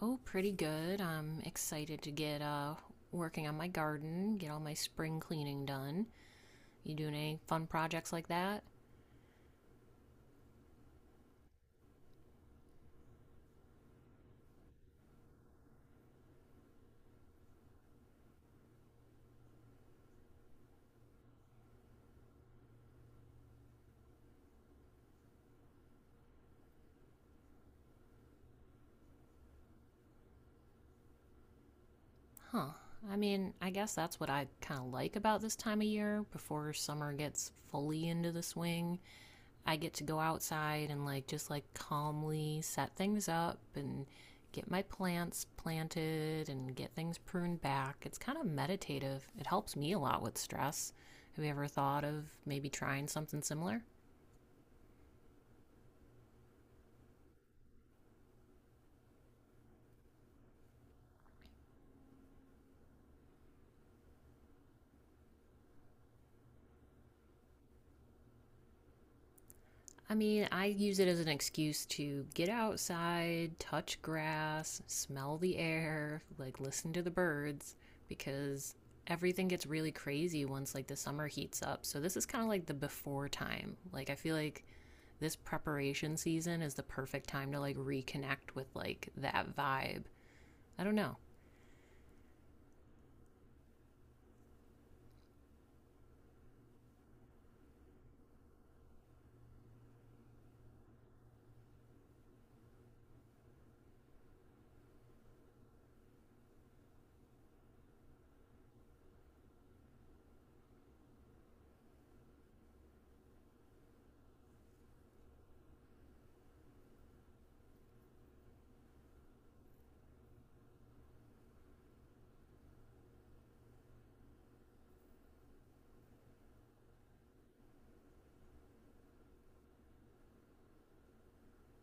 Oh, pretty good. I'm excited to get working on my garden, get all my spring cleaning done. You doing any fun projects like that? Huh. I mean, I guess that's what I kind of like about this time of year before summer gets fully into the swing. I get to go outside and like just like calmly set things up and get my plants planted and get things pruned back. It's kind of meditative. It helps me a lot with stress. Have you ever thought of maybe trying something similar? I mean, I use it as an excuse to get outside, touch grass, smell the air, like listen to the birds because everything gets really crazy once like the summer heats up. So this is kind of like the before time. Like I feel like this preparation season is the perfect time to like reconnect with like that vibe. I don't know.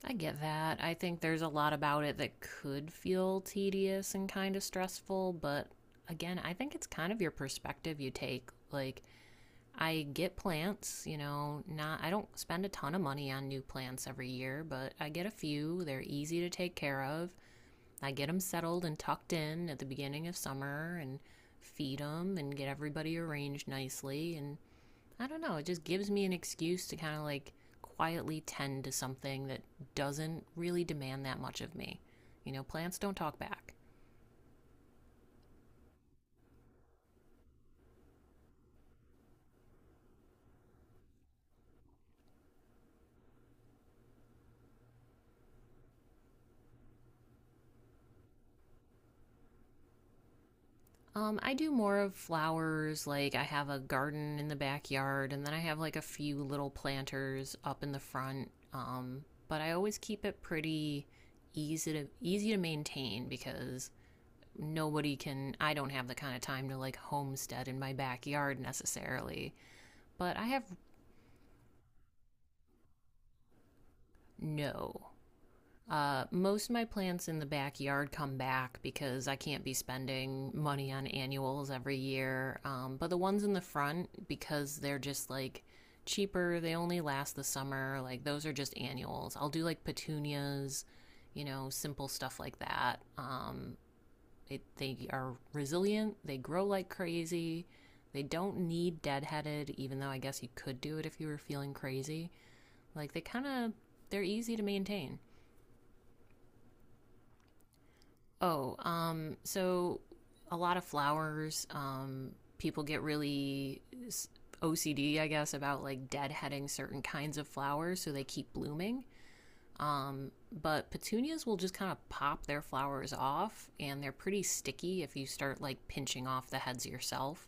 I get that. I think there's a lot about it that could feel tedious and kind of stressful, but again, I think it's kind of your perspective you take. Like, I get plants, you know, not I don't spend a ton of money on new plants every year, but I get a few. They're easy to take care of. I get them settled and tucked in at the beginning of summer and feed them and get everybody arranged nicely and I don't know, it just gives me an excuse to kind of like quietly tend to something that doesn't really demand that much of me. You know, plants don't talk back. I do more of flowers. Like I have a garden in the backyard, and then I have like a few little planters up in the front. But I always keep it pretty easy to maintain because nobody can. I don't have the kind of time to like homestead in my backyard necessarily. But I have no. Most of my plants in the backyard come back because I can't be spending money on annuals every year. But the ones in the front, because they're just like cheaper, they only last the summer. Like those are just annuals. I'll do like petunias, you know, simple stuff like that. It, they are resilient, they grow like crazy. They don't need deadheaded, even though I guess you could do it if you were feeling crazy. Like they kind of, they're easy to maintain. Oh, so a lot of flowers. People get really OCD, I guess, about like deadheading certain kinds of flowers so they keep blooming. But petunias will just kind of pop their flowers off, and they're pretty sticky if you start like pinching off the heads yourself.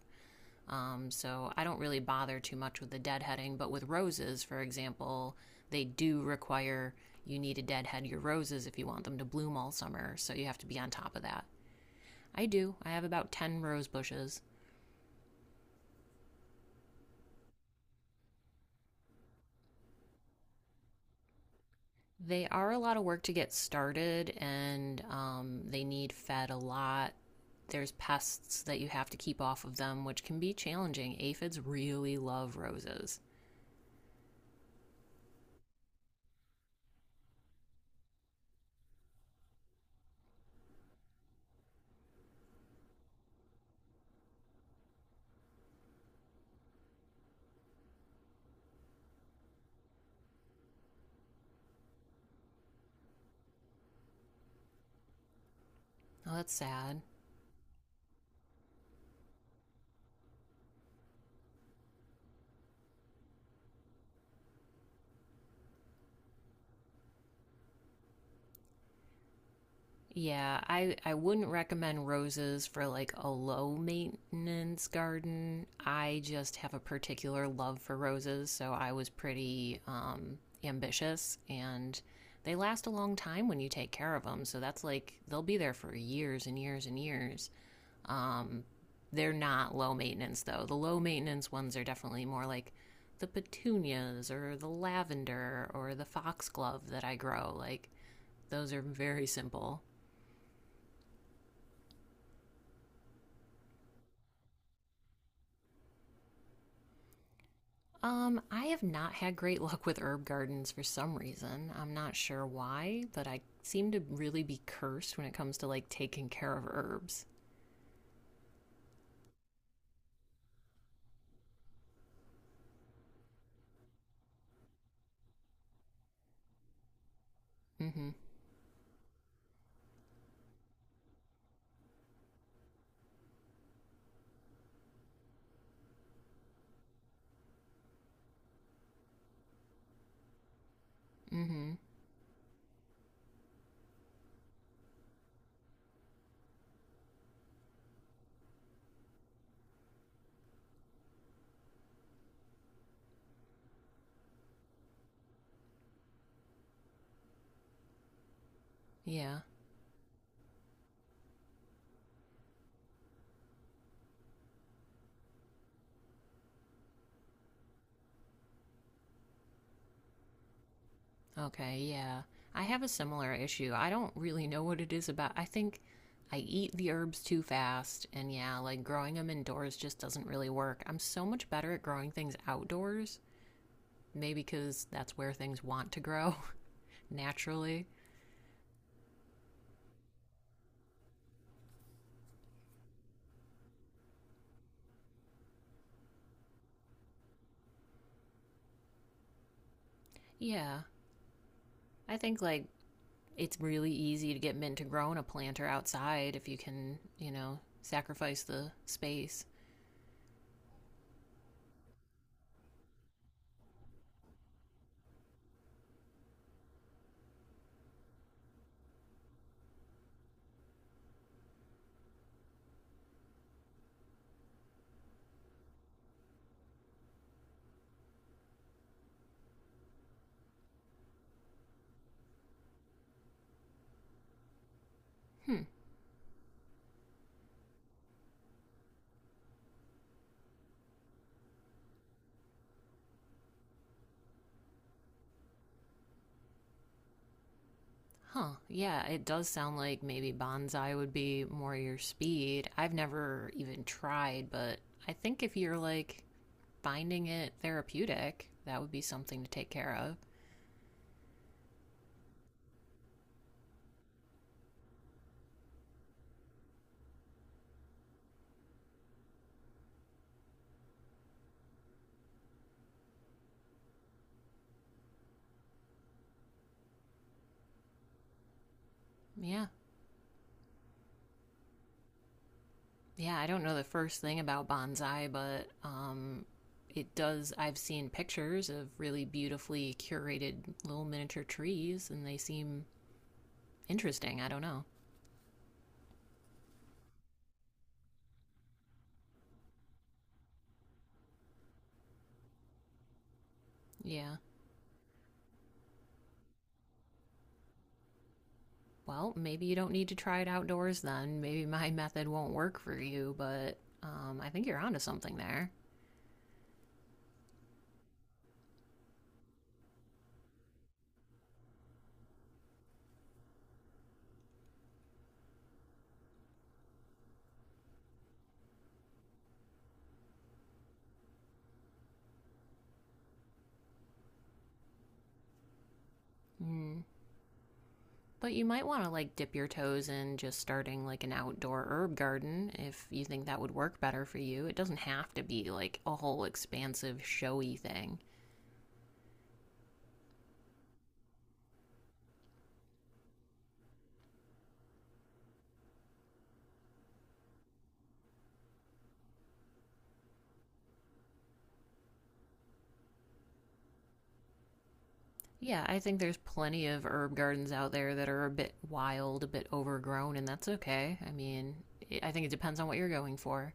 So I don't really bother too much with the deadheading, but with roses, for example, they do require you need to deadhead your roses if you want them to bloom all summer. So you have to be on top of that. I do. I have about 10 rose bushes. They are a lot of work to get started and they need fed a lot. There's pests that you have to keep off of them, which can be challenging. Aphids really love roses. Oh, that's sad. Yeah, I wouldn't recommend roses for like a low maintenance garden. I just have a particular love for roses, so I was pretty ambitious and they last a long time when you take care of them. So that's like they'll be there for years and years and years. Um they're not low maintenance though. The low maintenance ones are definitely more like the petunias or the lavender or the foxglove that I grow. Like those are very simple. I have not had great luck with herb gardens for some reason. I'm not sure why, but I seem to really be cursed when it comes to like taking care of herbs. Mm-hmm. Mm-hmm. Yeah. Okay, yeah. I have a similar issue. I don't really know what it is about. I think I eat the herbs too fast, and yeah, like growing them indoors just doesn't really work. I'm so much better at growing things outdoors, maybe because that's where things want to grow naturally. Yeah, I think like it's really easy to get mint to grow in a planter outside if you can, you know, sacrifice the space. Hmm. Huh. Yeah, it does sound like maybe bonsai would be more your speed. I've never even tried, but I think if you're like finding it therapeutic, that would be something to take care of. Yeah. Yeah, I don't know the first thing about bonsai, but it does I've seen pictures of really beautifully curated little miniature trees and they seem interesting. I don't know. Yeah. Well, maybe you don't need to try it outdoors then. Maybe my method won't work for you, but I think you're onto something there. Mm. But you might want to like dip your toes in just starting like an outdoor herb garden if you think that would work better for you. It doesn't have to be like a whole expansive, showy thing. Yeah, I think there's plenty of herb gardens out there that are a bit wild, a bit overgrown, and that's okay. I mean, I think it depends on what you're going for.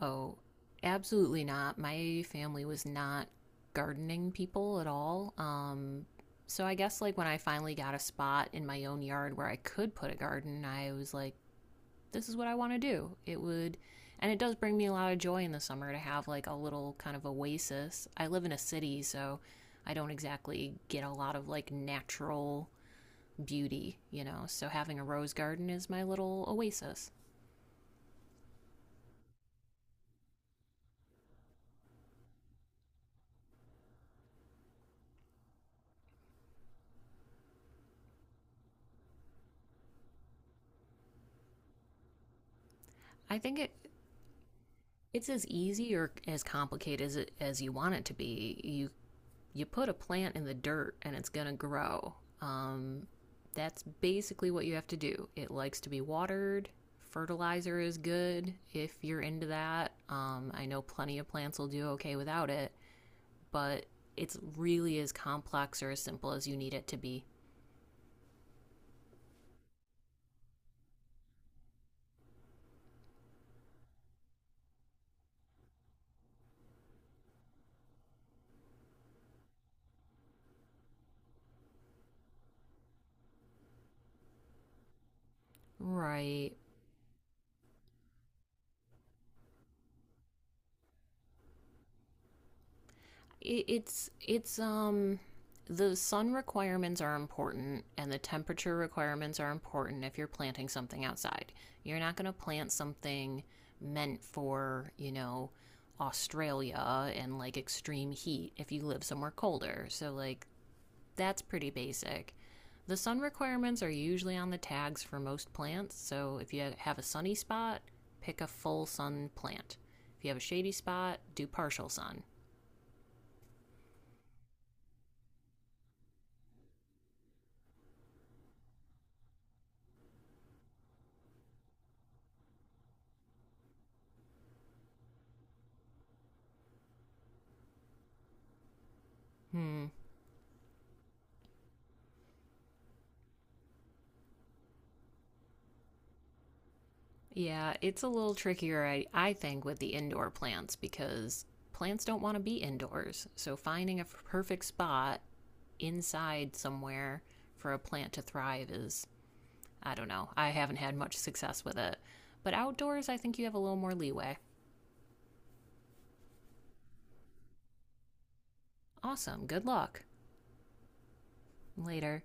Oh, absolutely not. My family was not gardening people at all. So I guess like when I finally got a spot in my own yard where I could put a garden, I was like, this is what I want to do. It would, and it does bring me a lot of joy in the summer to have like a little kind of oasis. I live in a city, so I don't exactly get a lot of like natural beauty, you know. So having a rose garden is my little oasis. I think it's as easy or as complicated as as you want it to be. You put a plant in the dirt and it's gonna grow. Um, that's basically what you have to do. It likes to be watered. Fertilizer is good if you're into that. I know plenty of plants will do okay without it, but it's really as complex or as simple as you need it to be. Right, it's the sun requirements are important and the temperature requirements are important if you're planting something outside. You're not going to plant something meant for, you know, Australia and like extreme heat if you live somewhere colder. So like that's pretty basic. The sun requirements are usually on the tags for most plants, so if you have a sunny spot, pick a full sun plant. If you have a shady spot, do partial sun. Hmm. Yeah, it's a little trickier, I think, with the indoor plants because plants don't want to be indoors. So finding a perfect spot inside somewhere for a plant to thrive is, I don't know. I haven't had much success with it. But outdoors, I think you have a little more leeway. Awesome. Good luck. Later.